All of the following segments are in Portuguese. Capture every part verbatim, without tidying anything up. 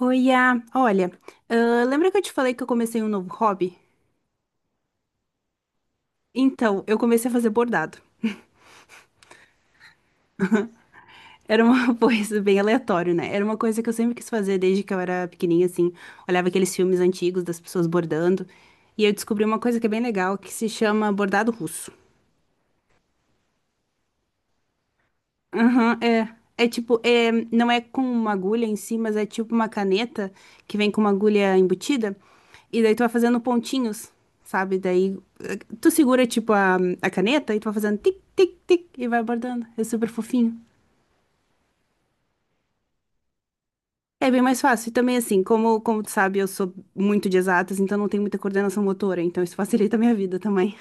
Oiá, olha, ah, lembra que eu te falei que eu comecei um novo hobby? Então, eu comecei a fazer bordado. Era uma coisa bem aleatória, né? Era uma coisa que eu sempre quis fazer desde que eu era pequenininha, assim. Olhava aqueles filmes antigos das pessoas bordando. E eu descobri uma coisa que é bem legal, que se chama bordado russo. Aham, é. É tipo, é, não é com uma agulha em si, mas é tipo uma caneta que vem com uma agulha embutida. E daí tu vai fazendo pontinhos, sabe? Daí eh, tu segura tipo a, a caneta e tu vai fazendo tic, tic, tic e vai bordando. É super fofinho. É bem mais fácil. E também assim, como, como tu sabe, eu sou muito de exatas, então não tenho muita coordenação motora, então isso facilita a minha vida também.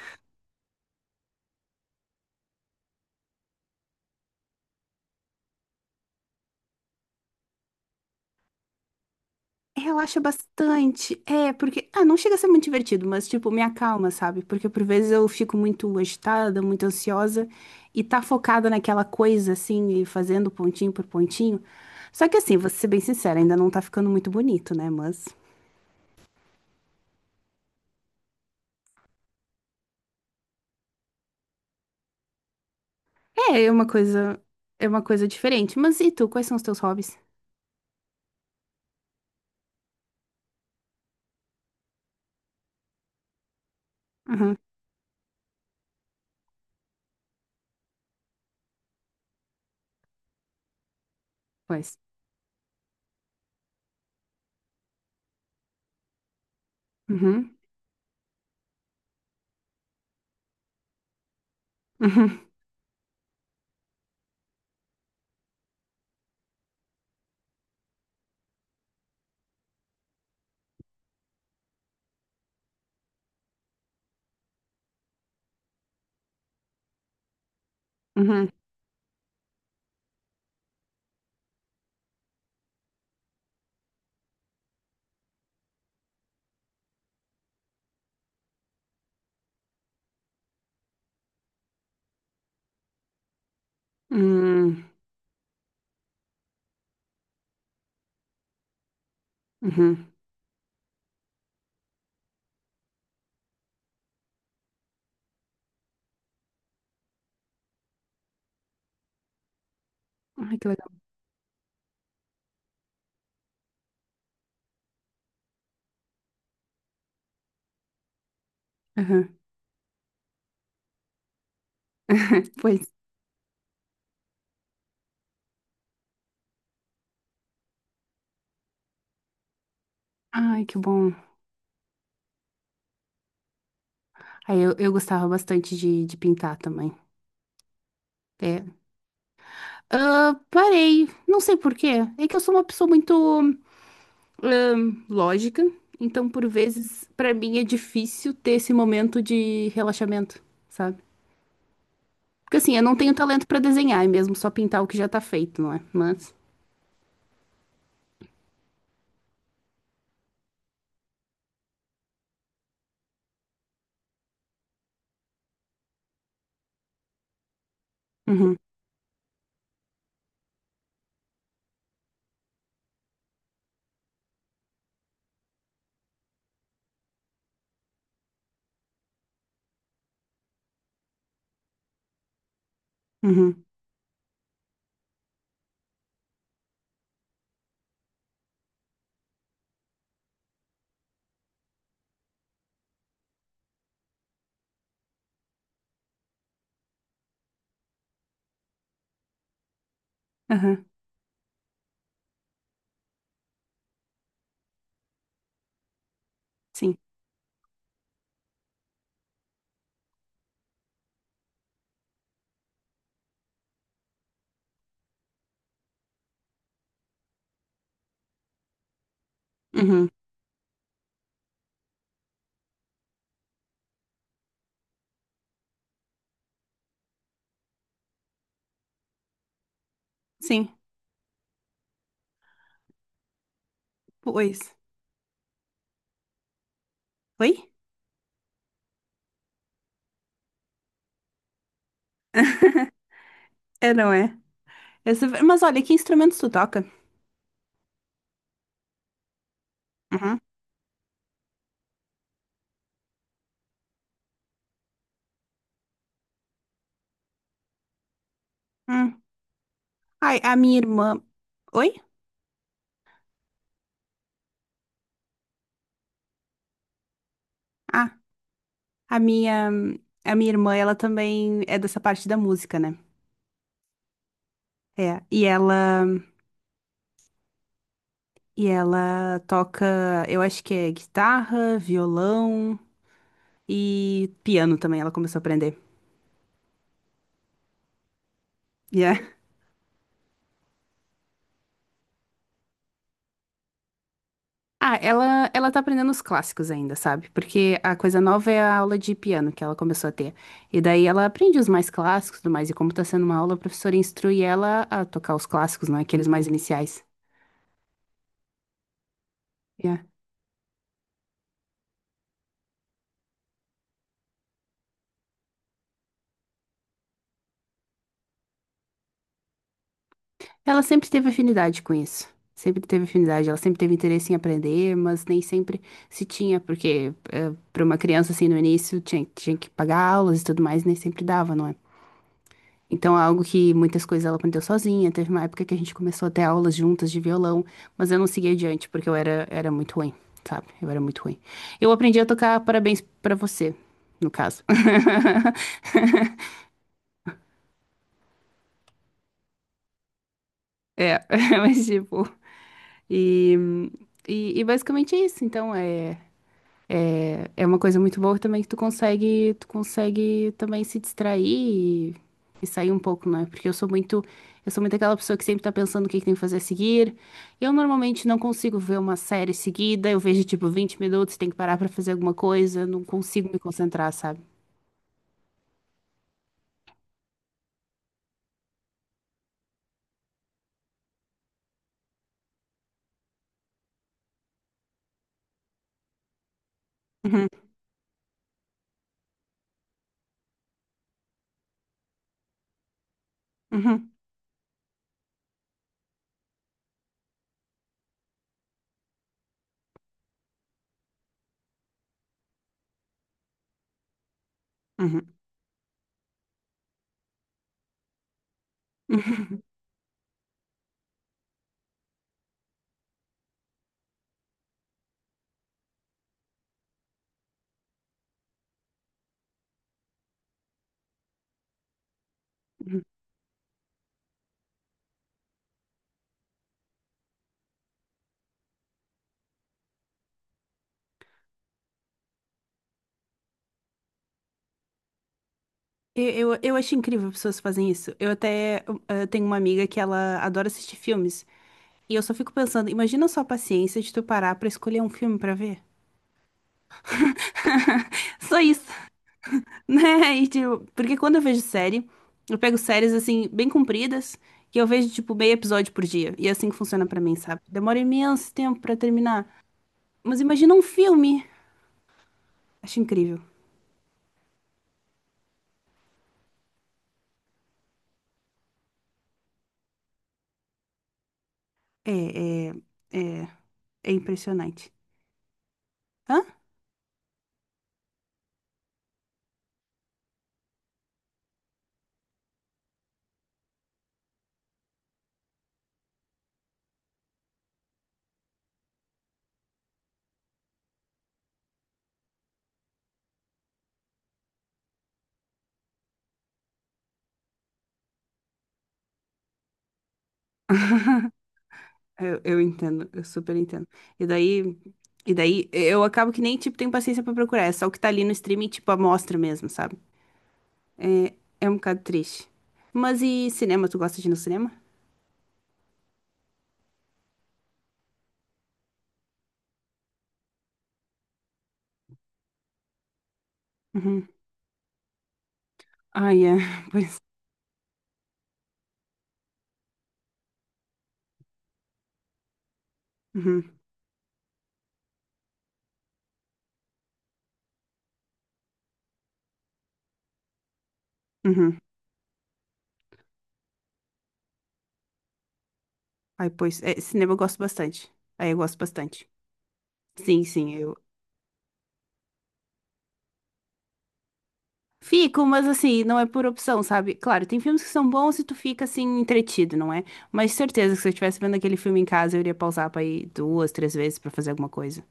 Relaxa bastante. É, porque. Ah, não chega a ser muito divertido, mas, tipo, me acalma, sabe? Porque por vezes eu fico muito agitada, muito ansiosa e tá focada naquela coisa, assim, e fazendo pontinho por pontinho. Só que, assim, vou ser bem sincera, ainda não tá ficando muito bonito, né? Mas. É, é uma coisa. É uma coisa diferente. Mas e tu, quais são os teus hobbies? Uhum, pois. Uhum, uhum, uhum, uhum, uhum. Ai, que legal. Uhum. Pois. Ai, que bom. Aí eu, eu gostava bastante de, de pintar também. É. Ah, parei, não sei por quê. É que eu sou uma pessoa muito ahn, lógica, então por vezes pra mim é difícil ter esse momento de relaxamento, sabe? Porque assim, eu não tenho talento pra desenhar, é mesmo só pintar o que já tá feito, não é? Mas. Uhum, uhum, aham, sim, uhum, sim, pois. Oi? É, não é? Essa- Mas olha, que instrumentos tu toca? Uhum. Hum. Ai, a minha irmã. Oi? Ah, A minha, a minha irmã, ela também é dessa parte da música, né? É, e ela, e ela toca, eu acho que é guitarra, violão e piano também, ela começou a aprender. Yeah. Ah, ela, ela tá aprendendo os clássicos ainda, sabe? Porque a coisa nova é a aula de piano que ela começou a ter. E daí ela aprende os mais clássicos e tudo mais. E como tá sendo uma aula, a professora instrui ela a tocar os clássicos, não aqueles mais iniciais. Yeah. Ela sempre teve afinidade com isso. Sempre teve afinidade, ela sempre teve interesse em aprender, mas nem sempre se tinha, porque para uma criança assim no início tinha, tinha que pagar aulas e tudo mais, nem sempre dava, não é? Então é algo que muitas coisas ela aprendeu sozinha. Teve uma época que a gente começou a ter aulas juntas de violão, mas eu não segui adiante porque eu era, era muito ruim, sabe? Eu era muito ruim. Eu aprendi a tocar Parabéns pra você, no caso. É, mas tipo, e, e, e basicamente é isso. Então é. É uma coisa muito boa também que tu consegue, tu consegue também se distrair e, e sair um pouco, né? Porque eu sou muito, eu sou muito aquela pessoa que sempre tá pensando o que que tem que fazer a seguir. Eu normalmente não consigo ver uma série seguida, eu vejo tipo vinte minutos, tenho que parar pra fazer alguma coisa, não consigo me concentrar, sabe? Uhum, uhum, uhum, uhum, uhum. Eu, eu, eu acho incrível pessoas que fazem isso. Eu até eh, tenho uma amiga que ela adora assistir filmes. E eu só fico pensando, imagina só a paciência de tu parar pra escolher um filme pra ver. Só isso, né? E, tipo, porque quando eu vejo série, eu pego séries assim, bem compridas, que eu vejo, tipo, meio episódio por dia. E é assim que funciona pra mim, sabe? Demora imenso tempo pra terminar. Mas imagina um filme. Acho incrível. É, é, é, é impressionante. Hã? Eu, eu entendo, eu super entendo. E daí, e daí eu acabo que nem, tipo, tenho paciência pra procurar. É só o que tá ali no streaming, tipo, amostra mesmo, sabe? É, é um bocado triste. Mas e cinema? Tu gosta de ir no cinema? Uhum. Ai, é. Pois. Uhum, uhum. Ai, pois. É, cinema eu gosto bastante. Aí eu gosto bastante. Sim, sim, eu. Fico, mas assim, não é por opção, sabe? Claro, tem filmes que são bons e tu fica assim, entretido, não é? Mas certeza que se eu estivesse vendo aquele filme em casa, eu iria pausar pra ir duas, três vezes pra fazer alguma coisa.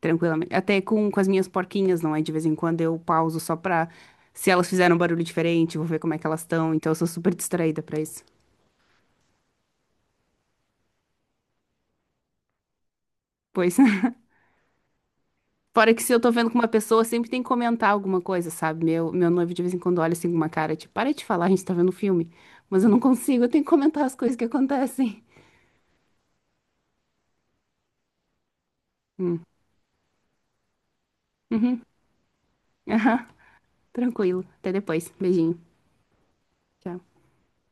Tranquilamente. Até com, com as minhas porquinhas, não é? De vez em quando eu pauso só pra. Se elas fizeram um barulho diferente, vou ver como é que elas estão. Então eu sou super distraída pra isso. Pois. Fora que se eu tô vendo com uma pessoa, sempre tem que comentar alguma coisa, sabe? Meu, meu noivo de vez em quando olha assim com uma cara, tipo, para de falar, a gente tá vendo um filme. Mas eu não consigo, eu tenho que comentar as coisas que acontecem. Aham, tranquilo. Até depois. Beijinho. Tchau.